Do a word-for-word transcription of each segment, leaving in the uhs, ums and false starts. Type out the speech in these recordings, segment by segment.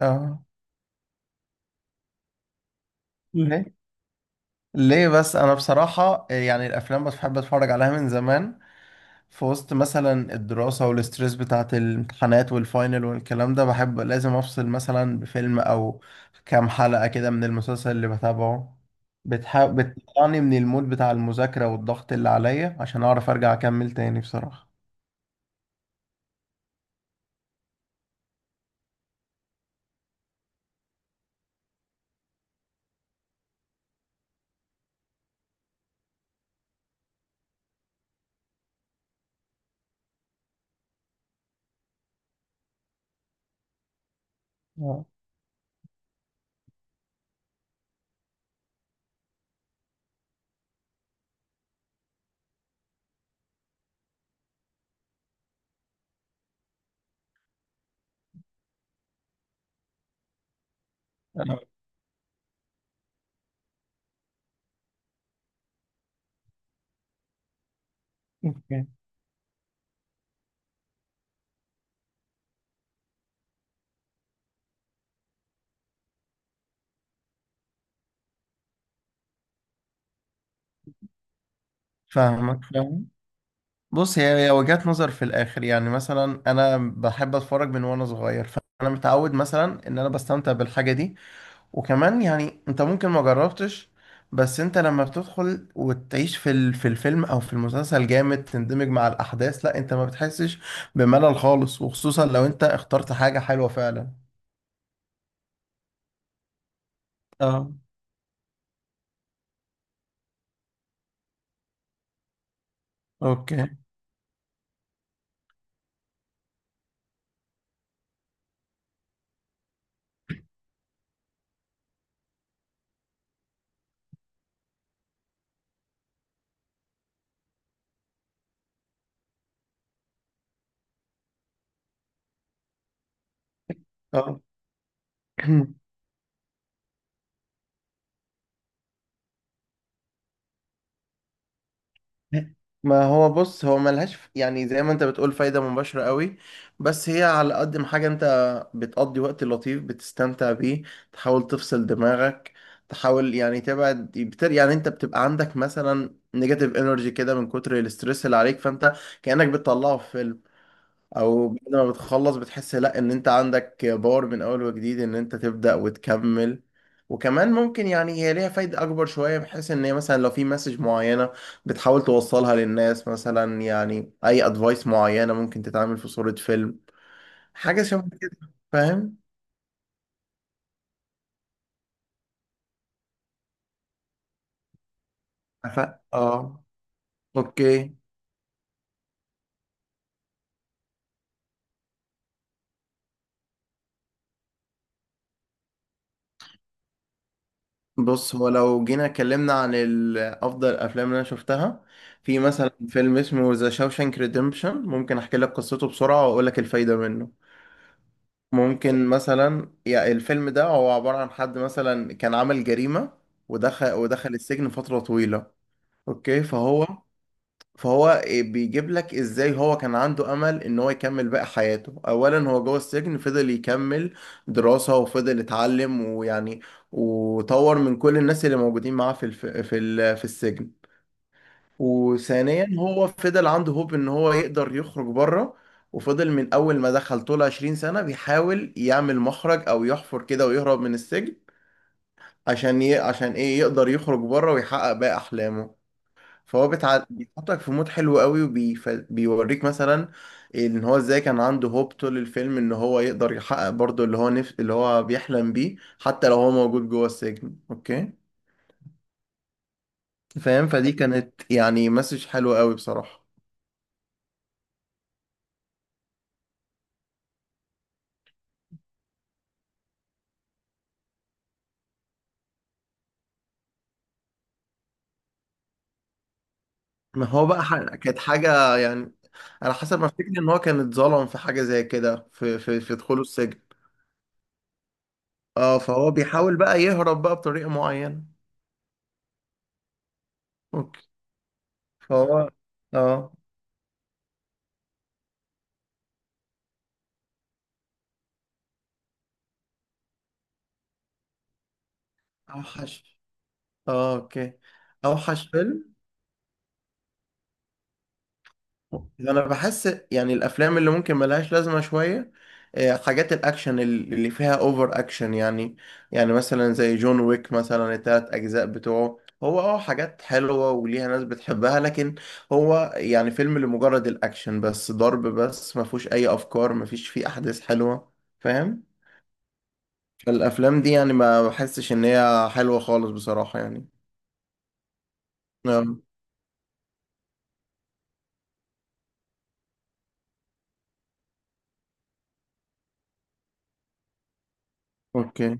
اه. مم. ليه ليه بس انا بصراحة، يعني الافلام بس بحب اتفرج عليها من زمان. في وسط مثلا الدراسة والستريس بتاعت الامتحانات والفاينل والكلام ده، بحب لازم أفصل مثلا بفيلم أو كام حلقة كده من المسلسل اللي بتابعه. بتح... بتطلعني من المود بتاع المذاكرة والضغط اللي عليا عشان أعرف أرجع أكمل تاني بصراحة. اه. آه، اوكي. فاهمك فاهم. بص، هي هي وجهات نظر في الاخر. يعني مثلا انا بحب اتفرج من وانا صغير، فانا متعود مثلا ان انا بستمتع بالحاجه دي. وكمان يعني انت ممكن ما جربتش، بس انت لما بتدخل وتعيش في ال- في الفيلم او في المسلسل جامد، تندمج مع الاحداث. لا، انت ما بتحسش بملل خالص، وخصوصا لو انت اخترت حاجة حلوة فعلا. اه. اوكي. اه. ما هو بص، هو ملهاش ف- يعني زي ما انت بتقول فايدة مباشرة قوي. بس هي على قد ما حاجة انت بتقضي وقت لطيف بتستمتع بيه، تحاول تفصل دماغك، تحاول يعني تبعد بتر. يعني انت بتبقى عندك مثلا نيجاتيف انرجي كده من كتر الاسترس اللي عليك، فانت كأنك بتطلعه في فيلم. او بعد ما بتخلص بتحس، لا، ان انت عندك باور من اول وجديد ان انت تبدأ وتكمل. وكمان ممكن يعني هي ليها فايدة اكبر شوية، بحيث ان هي مثلا لو في مسج معينة بتحاول توصلها للناس. مثلا يعني اي ادفايس معينة ممكن تتعمل في صورة فيلم. حاجة شبه كده، فاهم؟ ف... اه. اوكي. بص، هو لو جينا اتكلمنا عن ال- افضل الافلام اللي انا شفتها، في مثلا فيلم اسمه ذا شاوشانك ريديمبشن. ممكن احكي لك قصته بسرعة واقول لك الفايدة منه. ممكن مثلا، يعني الفيلم ده هو عبارة عن حد مثلا كان عمل جريمة ودخل ودخل السجن فترة طويلة. اوكي، فهو فهو إيه، بيجيب لك ازاي هو كان عنده امل ان هو يكمل باقي حياته. اولا، هو جوه السجن فضل يكمل دراسة وفضل يتعلم، ويعني وطور من كل الناس اللي موجودين معاه في الف... في ال... في السجن. وثانيا، هو فضل عنده هوب ان هو يقدر يخرج بره. وفضل من اول ما دخل طول 20 سنة بيحاول يعمل مخرج او يحفر كده ويهرب من السجن، عشان ي... عشان ايه، يقدر يخرج بره ويحقق باقي احلامه. فهو بتع... بيحطك في مود حلو قوي، وبيوريك مثلا ان هو ازاي كان عنده هوب طول الفيلم ان هو يقدر يحقق برضه اللي هو نف... اللي هو بيحلم بيه، حتى لو هو موجود جوه السجن. اوكي، فاهم؟ فدي كانت يعني مسج حلوة قوي بصراحة. ما هو بقى ح- كانت حاجة، يعني على حسب ما افتكر ان هو كان اتظلم في حاجة زي كده في في في دخوله السجن. اه، فهو بيحاول بقى يهرب بقى بطريقة معينة. اوكي. فهو... اه. اوحش. اه، اوكي. اوحش فيلم. انا بحس يعني الافلام اللي ممكن ملهاش لازمه شويه، آه، حاجات الاكشن ال- اللي فيها اوفر اكشن يعني. يعني مثلا زي جون ويك مثلا، التلات اجزاء بتوعه، هو اه حاجات حلوه وليها ناس بتحبها، لكن هو يعني فيلم لمجرد الاكشن بس، ضرب بس، ما فيهوش اي افكار، ما فيش فيه احداث حلوه، فاهم؟ الافلام دي يعني ما بحسش ان هي حلوه خالص بصراحه يعني. آه، اوكي.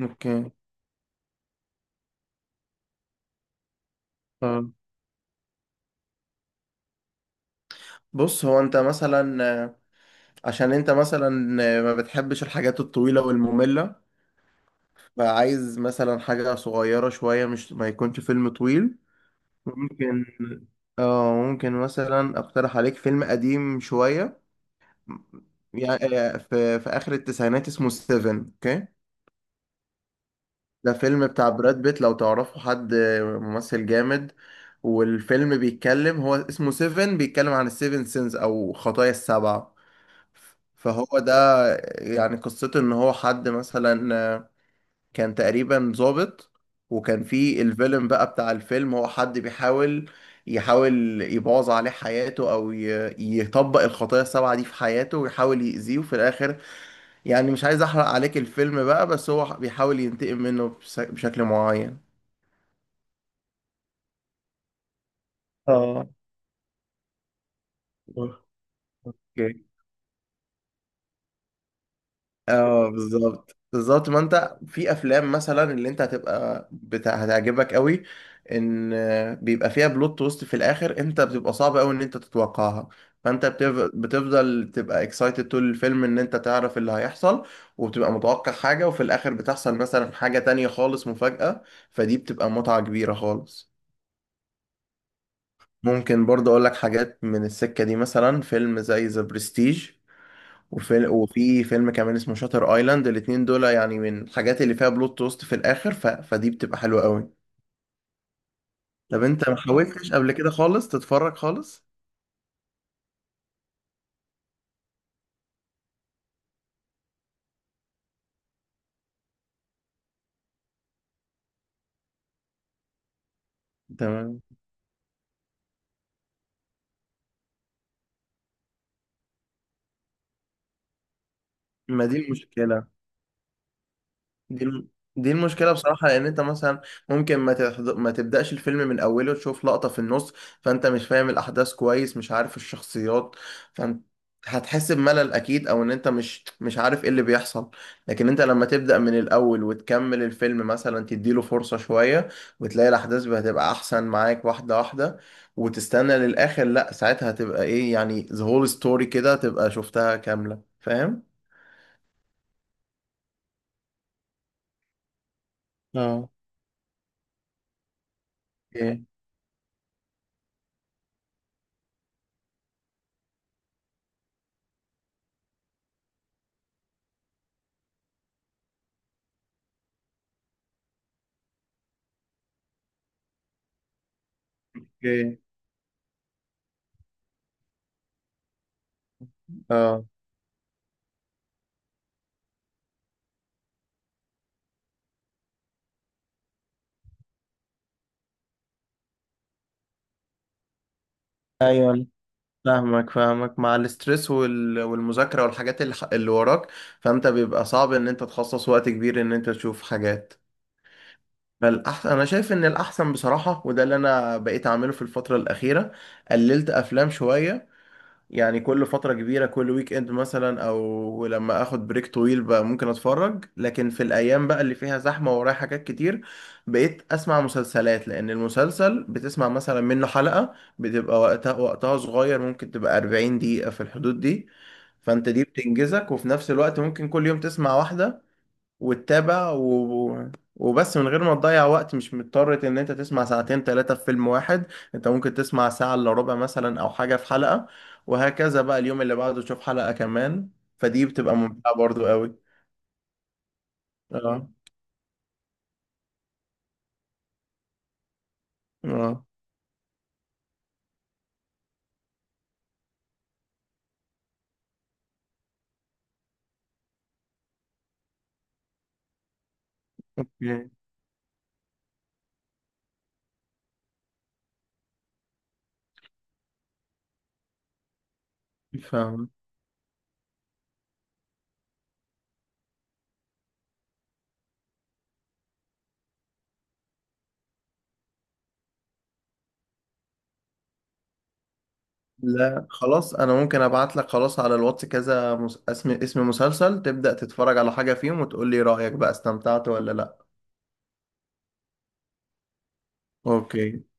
اوكي. آه. بص، هو انت مثلا، عشان انت مثلا ما بتحبش الحاجات الطويلة والمملة، فعايز مثلا حاجة صغيرة شوية، مش ما يكونش فيلم طويل. ممكن اه، ممكن مثلا اقترح عليك فيلم قديم شوية، يعني في في اخر التسعينات اسمه سيفن. اوكي، ده فيلم بتاع براد بيت، لو تعرفوا حد ممثل جامد. والفيلم بيتكلم، هو اسمه سيفن، بيتكلم عن السيفن سينز او خطايا السبعة. فهو ده يعني، قصته ان هو حد مثلا كان تقريبا ظابط، وكان في الفيلم بقى، بتاع الفيلم هو حد بيحاول يحاول يبوظ عليه حياته، او ي- يطبق الخطايا السبعة دي في حياته ويحاول يأذيه. وفي الاخر يعني مش عايز احرق عليك الفيلم بقى، بس هو بيحاول ينتقم منه بس- بشكل معين. اه، اوكي. اه، بالظبط بالظبط. ما انت في افلام مثلا اللي انت هتبقى بتاع هتعجبك قوي، ان بيبقى فيها بلوت تويست في الاخر، انت بتبقى صعب قوي ان انت تتوقعها، فانت بتف- بتفضل تبقى اكسايتد طول الفيلم ان انت تعرف اللي هيحصل. وبتبقى متوقع حاجة وفي الاخر بتحصل مثلا حاجة تانية خالص، مفاجأة، فدي بتبقى متعة كبيرة خالص. ممكن برضه اقول لك حاجات من السكة دي، مثلا فيلم زي ذا برستيج، وفي وفي فيلم كمان اسمه شاتر ايلاند. الاتنين دول يعني من الحاجات اللي فيها بلوت توست في الاخر، ف... فدي بتبقى حلوة قوي. طب انت ما حاولتش قبل كده خالص تتفرج خالص؟ تمام. ما دي المشكلة. دي الم- دي المشكلة بصراحة، لأن أنت مثلا ممكن ما تحض... ما تبدأش الفيلم من أوله تشوف لقطة في النص، فأنت مش فاهم الأحداث كويس، مش عارف الشخصيات، فأنت هتحس بملل أكيد، أو إن أنت مش مش عارف إيه اللي بيحصل. لكن أنت لما تبدأ من الأول وتكمل الفيلم مثلا، تديله فرصة شوية، وتلاقي الأحداث هتبقى أحسن معاك واحدة واحدة. وتستنى للآخر، لأ، ساعتها هتبقى إيه يعني the whole story كده، تبقى شفتها كاملة، فاهم؟ اه، إيه؟ إيه؟ آه، فاهمك فاهمك. مع الاسترس وال... والمذاكرة والحاجات اللي, ح- اللي وراك، فانت بيبقى صعب ان انت تخصص وقت كبير ان انت تشوف حاجات. فالأحسن، أنا شايف إن الأحسن بصراحة، وده اللي أنا بقيت أعمله في الفترة الأخيرة، قللت أفلام شوية. يعني كل فترة كبيرة، كل ويك اند مثلا، او لما اخد بريك طويل بقى، ممكن اتفرج. لكن في الايام بقى اللي فيها زحمة ورايا حاجات كتير، بقيت اسمع مسلسلات، لان المسلسل بتسمع مثلا منه حلقة بتبقى وقتها وقتها صغير، ممكن تبقى 40 دقيقة في الحدود دي. فانت دي بتنجزك، وفي نفس الوقت ممكن كل يوم تسمع واحدة وتتابع و... وبس من غير ما تضيع وقت، مش مضطر ان انت تسمع ساعتين ثلاثة في فيلم واحد. انت ممكن تسمع ساعة الا ربع مثلا او حاجة في حلقة، وهكذا بقى. اليوم اللي بعده تشوف حلقة كمان، فدي بتبقى ممتعة برضو قوي. اه. اه، اوكي، فاهم. لا خلاص، انا ممكن ابعت لك خلاص على الواتس كذا مس... اسم اسم مسلسل، تبدأ تتفرج على حاجة فيهم وتقول لي رأيك بقى استمتعت ولا لا. اوكي.